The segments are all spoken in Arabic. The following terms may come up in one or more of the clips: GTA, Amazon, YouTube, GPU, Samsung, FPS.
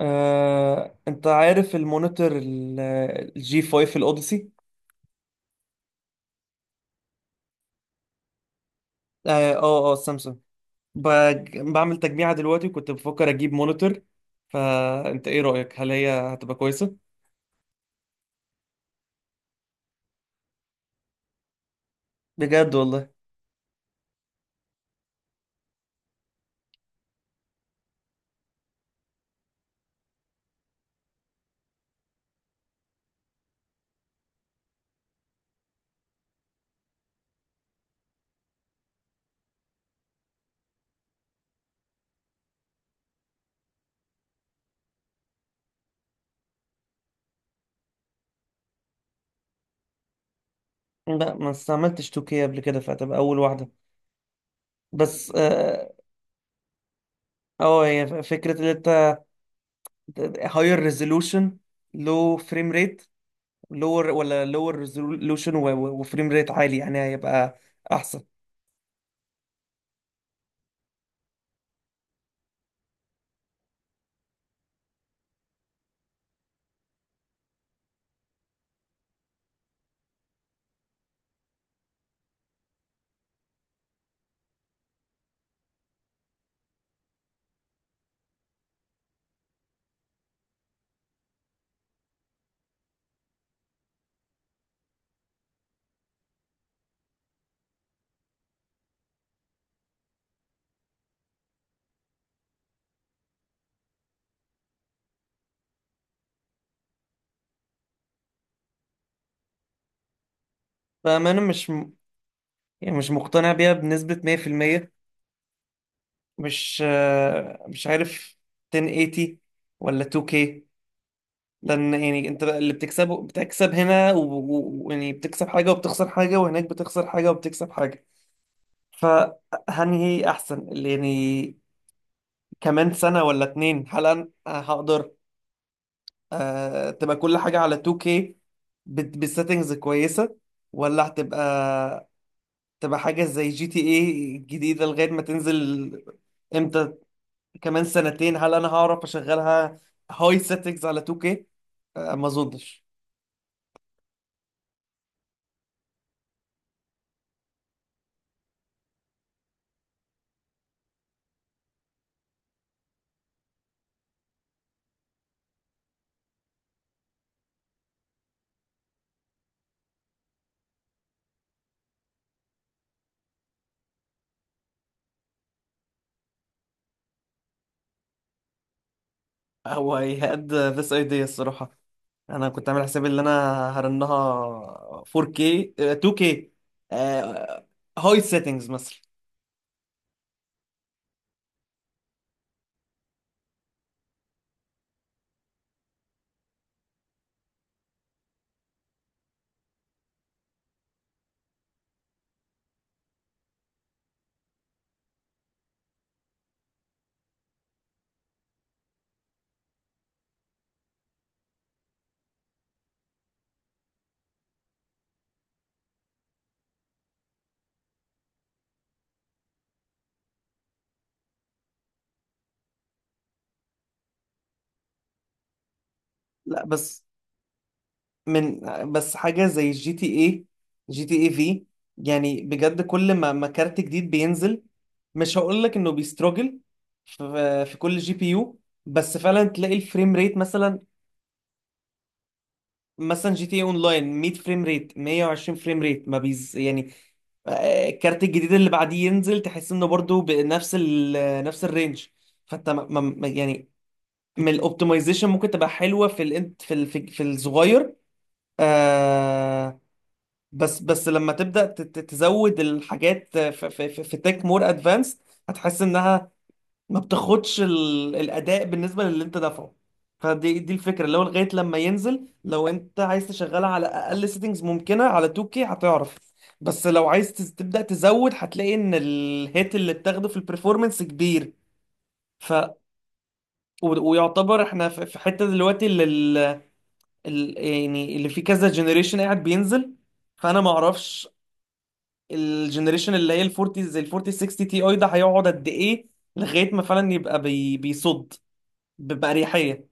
انت عارف المونيتور الجي 5 الاوديسي؟ سامسونج. بعمل تجميعة دلوقتي، وكنت بفكر اجيب مونيتور، فانت ايه رأيك؟ هل هي هتبقى كويسة؟ بجد والله. لا، ما استعملتش 2K قبل كده، فهتبقى اول واحدة. بس هي فكرة ان انت هاير ريزولوشن لو فريم ريت لور، ولا لور ريزولوشن وفريم ريت عالي، يعني هيبقى احسن. فانا مش يعني مش مقتنع بيها بنسبة 100%. مش عارف، 1080 ولا 2K؟ لأن يعني أنت اللي بتكسبه، بتكسب هنا ويعني بتكسب حاجة وبتخسر حاجة، وهناك بتخسر حاجة وبتكسب حاجة. فهنهي أحسن، اللي يعني كمان سنة ولا اتنين هل أنا هقدر تبقى كل حاجة على 2K بالسيتنجز كويسة؟ ولا هتبقى حاجة زي جي تي ايه الجديدة لغاية ما تنزل امتى؟ كمان سنتين هل انا هعرف اشغلها هاي سيتنجز على 2K؟ ما اظنش. هو هيهد ذس ايديا الصراحه. انا كنت عامل حسابي ان انا هرنها 4K. 2K هاي سيتنجز مثلا. لا بس، من بس حاجه زي جي تي اي، جي تي اي في، يعني بجد كل ما كارت جديد بينزل، مش هقول لك انه بيستراجل في كل جي بي يو، بس فعلا تلاقي الفريم ريت مثلا جي تي إيه اونلاين 100 فريم ريت، 120 فريم ريت ما بيز يعني. الكارت الجديد اللي بعديه ينزل تحس انه برضو بنفس نفس الرينج. فانت يعني من الاوبتمايزيشن ممكن تبقى حلوه في ال في ال في في الصغير. آه بس لما تبدا تزود الحاجات في تك مور ادفانس، هتحس انها ما بتاخدش الاداء بالنسبه للي انت دافعه. فدي الفكره، اللي هو لغايه لما ينزل لو انت عايز تشغلها على اقل سيتنجز ممكنه على 2K هتعرف، بس لو عايز تبدا تزود هتلاقي ان الهيت اللي بتاخده في البرفورمانس كبير. ف ويعتبر احنا في حته دلوقتي، اللي يعني اللي في كذا جنريشن قاعد بينزل، فانا ما اعرفش الجنريشن اللي هي ال 40، زي ال 40 60 تي اي، ده هيقعد قد ايه لغايه ما فعلا يبقى بيصد بأريحية.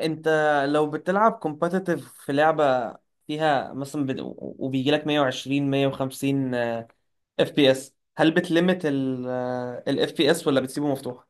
انت لو بتلعب كومباتيتيف في لعبة فيها مثلا وبيجي لك 120، 150 اف بي اس، هل بتلمت الاف بي اس ولا بتسيبه مفتوح؟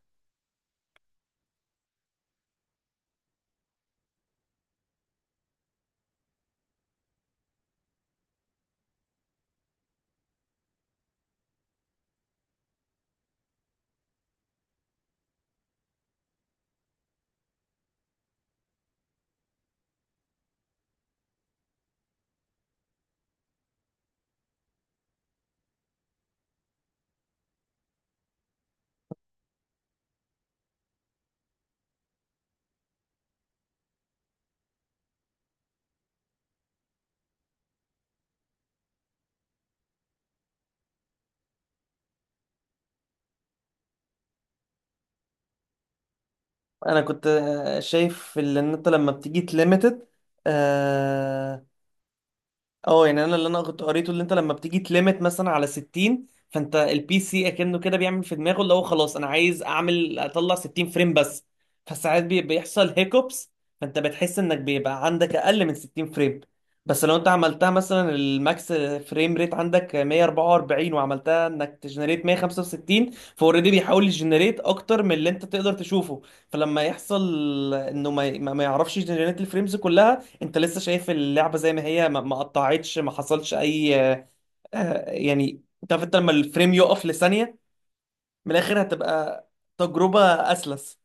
انا كنت شايف ان انت لما بتيجي تليميتد، اه، يعني اللي انا كنت قريته، اللي انت لما بتيجي تليمت مثلا على 60، فانت البي سي اكنه كده بيعمل في دماغه اللي هو خلاص انا عايز اعمل اطلع 60 فريم بس، فساعات بيحصل هيكوبس، فانت بتحس انك بيبقى عندك اقل من 60 فريم. بس لو انت عملتها مثلا الماكس فريم ريت عندك 144، وعملتها انك تجنريت 165، فاوريدي بيحاول يجنريت اكتر من اللي انت تقدر تشوفه، فلما يحصل انه ما يعرفش يجنريت الفريمز كلها، انت لسه شايف اللعبه زي ما هي، ما قطعتش، ما حصلش اي آه، يعني انت عارف، انت لما الفريم يقف لثانيه، من الاخر هتبقى تجربه اسلس.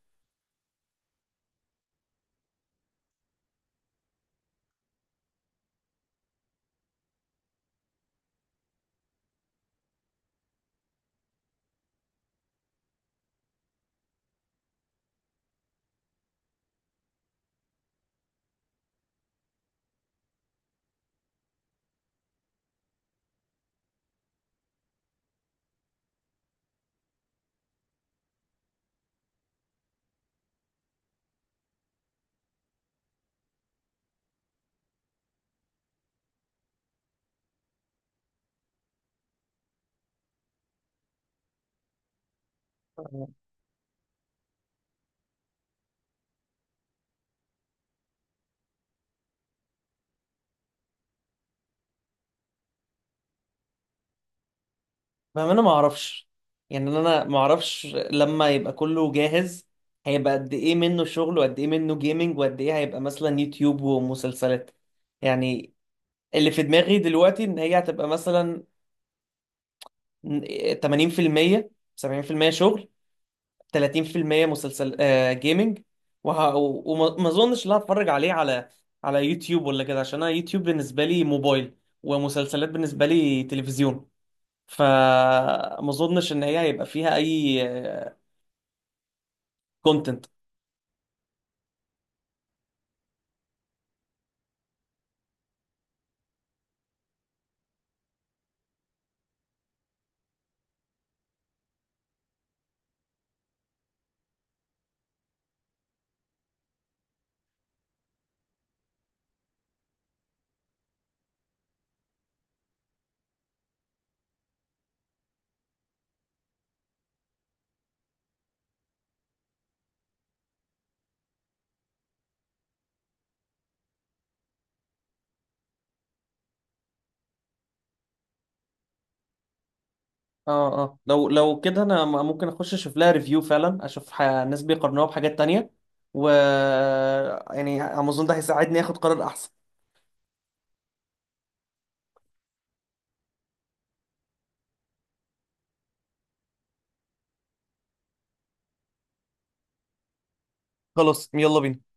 فاهم، انا ما اعرفش، يعني انا ما اعرفش لما يبقى كله جاهز هيبقى قد ايه منه شغل، وقد ايه منه جيمنج، وقد ايه هيبقى مثلا يوتيوب ومسلسلات. يعني اللي في دماغي دلوقتي ان هي هتبقى مثلا 80% 70% شغل، 30% مسلسل جيمنج، وما ما اظنش ان أنا هتفرج عليه على يوتيوب ولا كده، عشان انا يوتيوب بالنسبه لي موبايل، ومسلسلات بالنسبه لي تلفزيون، فما اظنش ان هي هيبقى فيها اي كونتنت. اه اه، لو كده انا ممكن اخش اشوف لها ريفيو فعلا، اشوف ناس بيقارنوها بحاجات تانية، و يعني امازون ده هيساعدني اخد قرار احسن. خلاص، يلا بينا.